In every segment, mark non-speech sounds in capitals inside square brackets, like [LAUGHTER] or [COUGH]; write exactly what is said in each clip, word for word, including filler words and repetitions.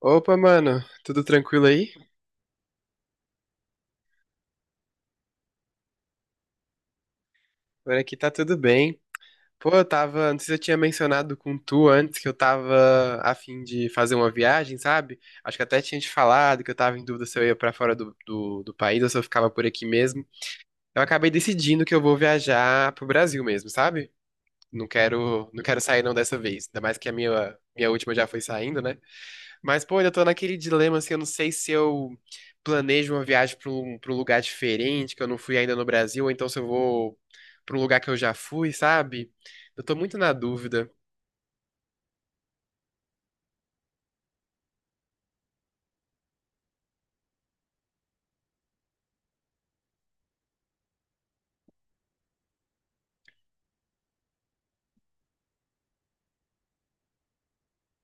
Opa, mano, tudo tranquilo aí? Por aqui tá tudo bem. Pô, eu tava, não sei se eu tinha mencionado com tu antes que eu tava a fim de fazer uma viagem, sabe? Acho que até tinha te falado que eu tava em dúvida se eu ia pra fora do, do, do país ou se eu ficava por aqui mesmo. Eu acabei decidindo que eu vou viajar pro Brasil mesmo, sabe? Não quero, não quero sair não dessa vez, ainda mais que a minha, minha última já foi saindo, né? Mas, pô, eu tô naquele dilema, assim, eu não sei se eu planejo uma viagem pra um, pra um lugar diferente, que eu não fui ainda no Brasil, ou então se eu vou pra um lugar que eu já fui, sabe? Eu tô muito na dúvida.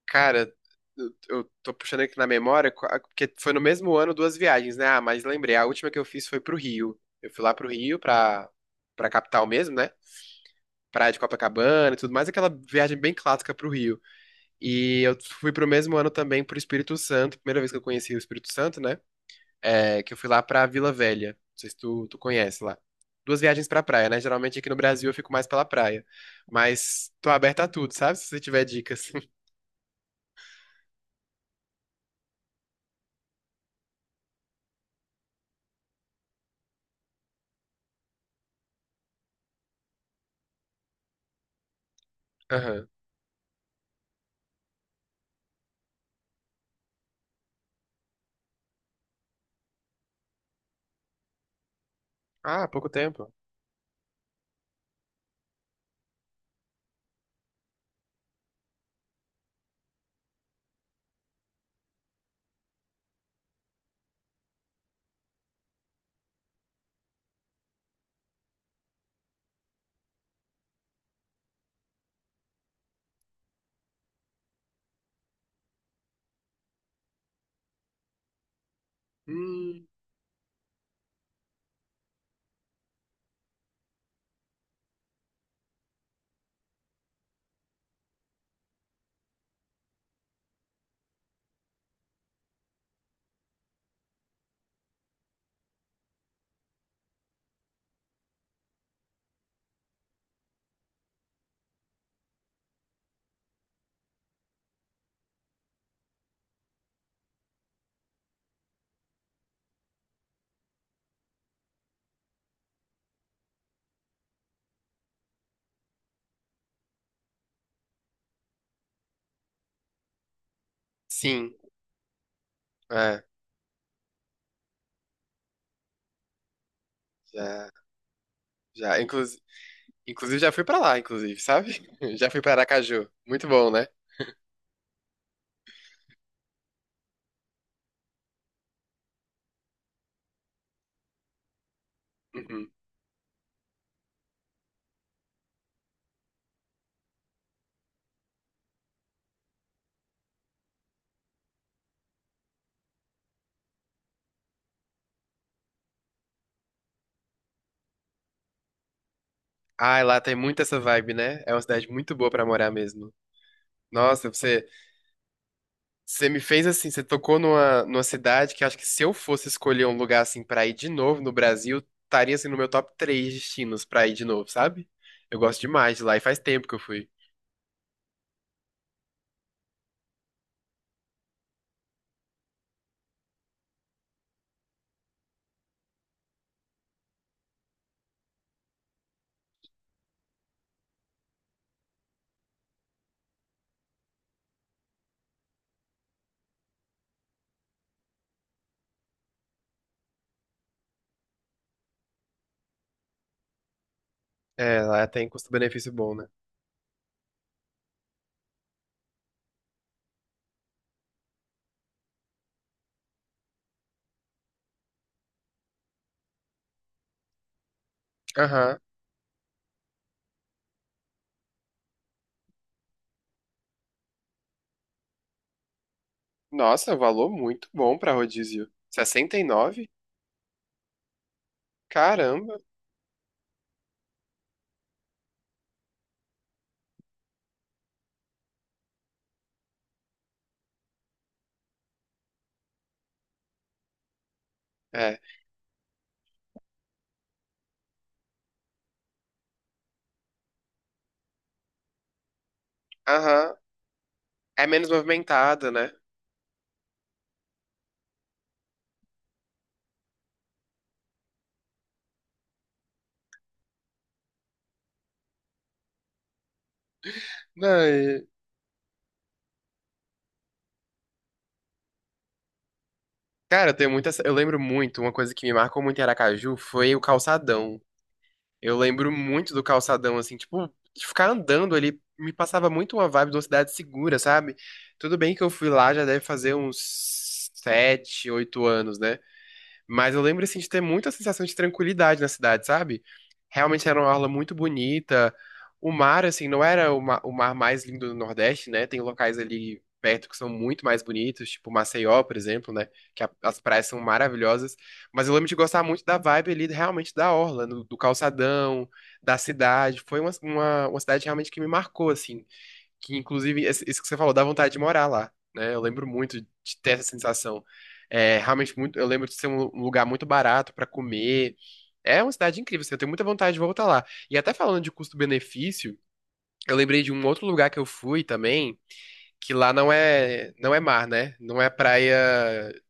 Cara, eu, eu tô puxando aqui na memória, qua- porque foi no mesmo ano duas viagens, né? Ah, mas lembrei, a última que eu fiz foi pro Rio. Eu fui lá pro Rio, pra, pra capital mesmo, né? Praia de Copacabana e tudo mais, aquela viagem bem clássica pro Rio. E eu fui pro mesmo ano também pro Espírito Santo, primeira vez que eu conheci o Espírito Santo, né? É, que eu fui lá pra Vila Velha. Não sei se tu, tu conhece lá. Duas viagens pra praia, né? Geralmente aqui no Brasil eu fico mais pela praia. Mas tô aberta a tudo, sabe? Se você tiver dicas. [LAUGHS] Aham. Ah, pouco tempo. Hum, sim. É, já, já. Inclusive, inclusive já fui pra lá, inclusive, sabe? [LAUGHS] Já fui pra Aracaju. Muito bom, né? Uhum. Ai, lá tem muito essa vibe, né? É uma cidade muito boa pra morar mesmo. Nossa, você. Você me fez assim, você tocou numa, numa cidade que acho que se eu fosse escolher um lugar assim pra ir de novo no Brasil, estaria assim no meu top três destinos pra ir de novo, sabe? Eu gosto demais de lá e faz tempo que eu fui. É, lá tem custo-benefício bom, né? Aham. Nossa, valor muito bom pra rodízio. sessenta e nove? Caramba. É. Aham. É menos movimentada, né? Não, e-. Cara, eu tenho muita. Eu lembro muito, uma coisa que me marcou muito em Aracaju foi o calçadão. Eu lembro muito do calçadão, assim, tipo, de ficar andando ali, me passava muito uma vibe de uma cidade segura, sabe? Tudo bem que eu fui lá, já deve fazer uns sete, oito anos, né? Mas eu lembro, assim, de ter muita sensação de tranquilidade na cidade, sabe? Realmente era uma orla muito bonita. O mar, assim, não era o ma- o mar mais lindo do Nordeste, né? Tem locais ali perto que são muito mais bonitos, tipo Maceió, por exemplo, né? Que a- as praias são maravilhosas. Mas eu lembro de gostar muito da vibe ali, realmente da orla, no- do calçadão, da cidade. Foi uma, uma, uma cidade realmente que me marcou, assim. Que, inclusive, esse- isso que você falou, dá vontade de morar lá, né? Eu lembro muito de ter essa sensação. É, realmente muito, eu lembro de ser um lu- um lugar muito barato pra comer. É uma cidade incrível, assim, eu tenho muita vontade de voltar lá. E até falando de custo-benefício, eu lembrei de um outro lugar que eu fui também, que lá não é, não é mar, né? Não é praia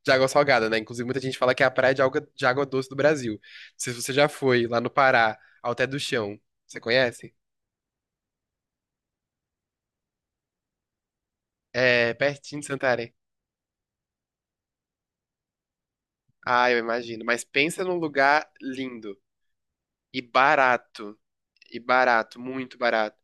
de água salgada, né? Inclusive, muita gente fala que é a praia de água, de água doce do Brasil. Não sei se você já foi lá no Pará, ao Té do Chão. Você conhece? É pertinho de Santarém. Ah, eu imagino. Mas pensa num lugar lindo e barato. E barato, muito barato.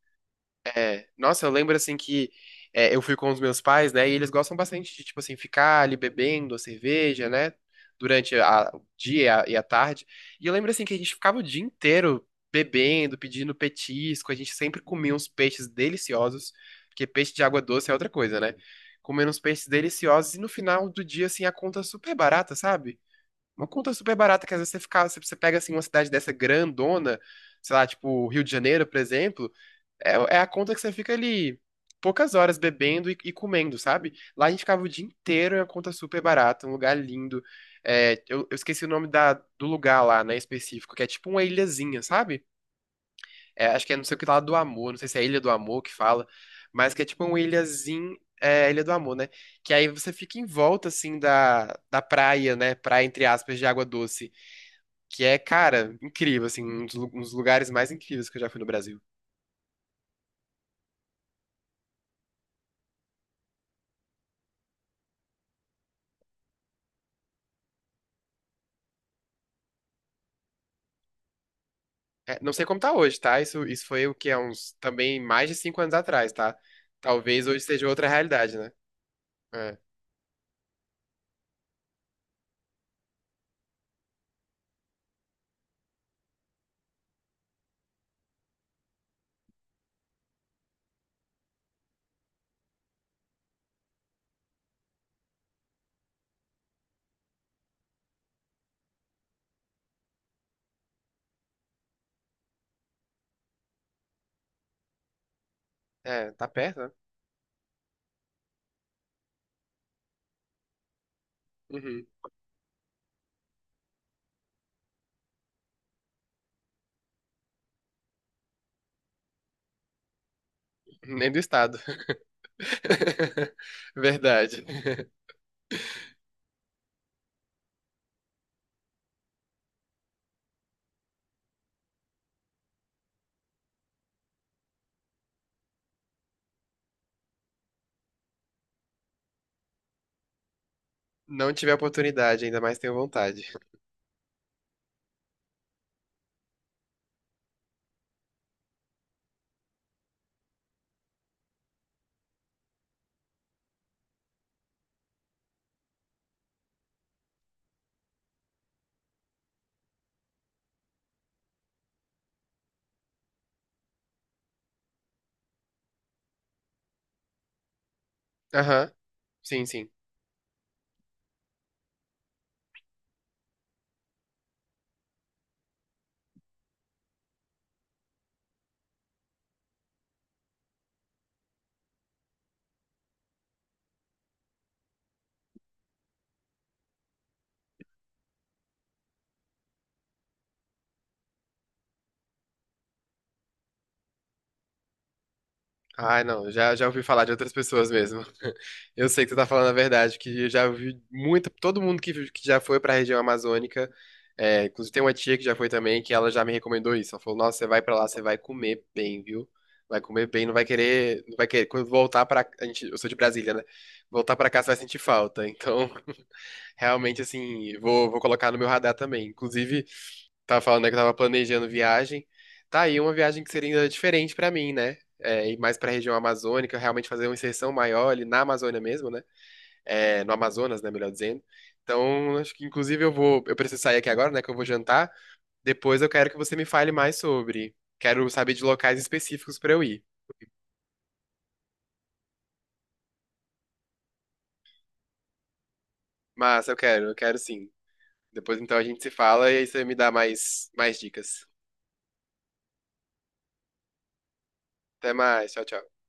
É. Nossa, eu lembro assim que é, eu fui com os meus pais, né? E eles gostam bastante de, tipo assim, ficar ali bebendo a cerveja, né? Durante a- o dia e a, e a tarde. E eu lembro assim que a gente ficava o dia inteiro bebendo, pedindo petisco. A gente sempre comia uns peixes deliciosos, porque peixe de água doce é outra coisa, né? Comendo uns peixes deliciosos e no final do dia, assim, a conta super barata, sabe? Uma conta super barata que às vezes você fica, você você pega assim uma cidade dessa grandona, sei lá, tipo Rio de Janeiro, por exemplo, é, é a conta que você fica ali poucas horas bebendo e, e comendo, sabe? Lá a gente ficava o dia inteiro em uma conta super barata, um lugar lindo. É, eu, eu esqueci o nome da, do lugar lá, né, específico, que é tipo uma ilhazinha, sabe? É, acho que é não sei o que lá do amor, não sei se é Ilha do Amor que fala, mas que é tipo uma ilhazinha, é, Ilha do Amor, né? Que aí você fica em volta, assim, da, da praia, né? Praia, entre aspas, de água doce que é, cara, incrível, assim, um dos, lu- um dos lugares mais incríveis que eu já fui no Brasil. É, não sei como tá hoje, tá? Isso, isso foi o que é uns, também mais de cinco anos atrás, tá? Talvez hoje seja outra realidade, né? É, é, tá perto, né? Uhum. [LAUGHS] Nem do estado. [LAUGHS] Verdade. Não tive a oportunidade, ainda mais tenho vontade. Aham, sim, sim. Ai, não, já, já ouvi falar de outras pessoas mesmo. [LAUGHS] Eu sei que você tá falando a verdade, que eu já ouvi muita, todo mundo que, que já foi pra região amazônica, é, inclusive tem uma tia que já foi também, que ela já me recomendou isso. Ela falou, nossa, você vai pra lá, você vai comer bem, viu? Vai comer bem, não vai querer, não vai querer, quando voltar pra, a gente, eu sou de Brasília, né? Voltar pra cá, você vai sentir falta. Então, [LAUGHS] realmente, assim, vou, vou colocar no meu radar também. Inclusive, tava falando, né, que eu tava planejando viagem. Tá aí uma viagem que seria ainda diferente pra mim, né? É, ir mais pra região amazônica, realmente fazer uma inserção maior ali na Amazônia mesmo, né? É, no Amazonas, né, melhor dizendo. Então, acho que inclusive eu vou, eu preciso sair aqui agora, né, que eu vou jantar. Depois eu quero que você me fale mais sobre. Quero saber de locais específicos pra eu ir. Mas eu quero, eu quero sim. Depois então a gente se fala e aí você me dá mais mais dicas. Até mais, tchau, tchau.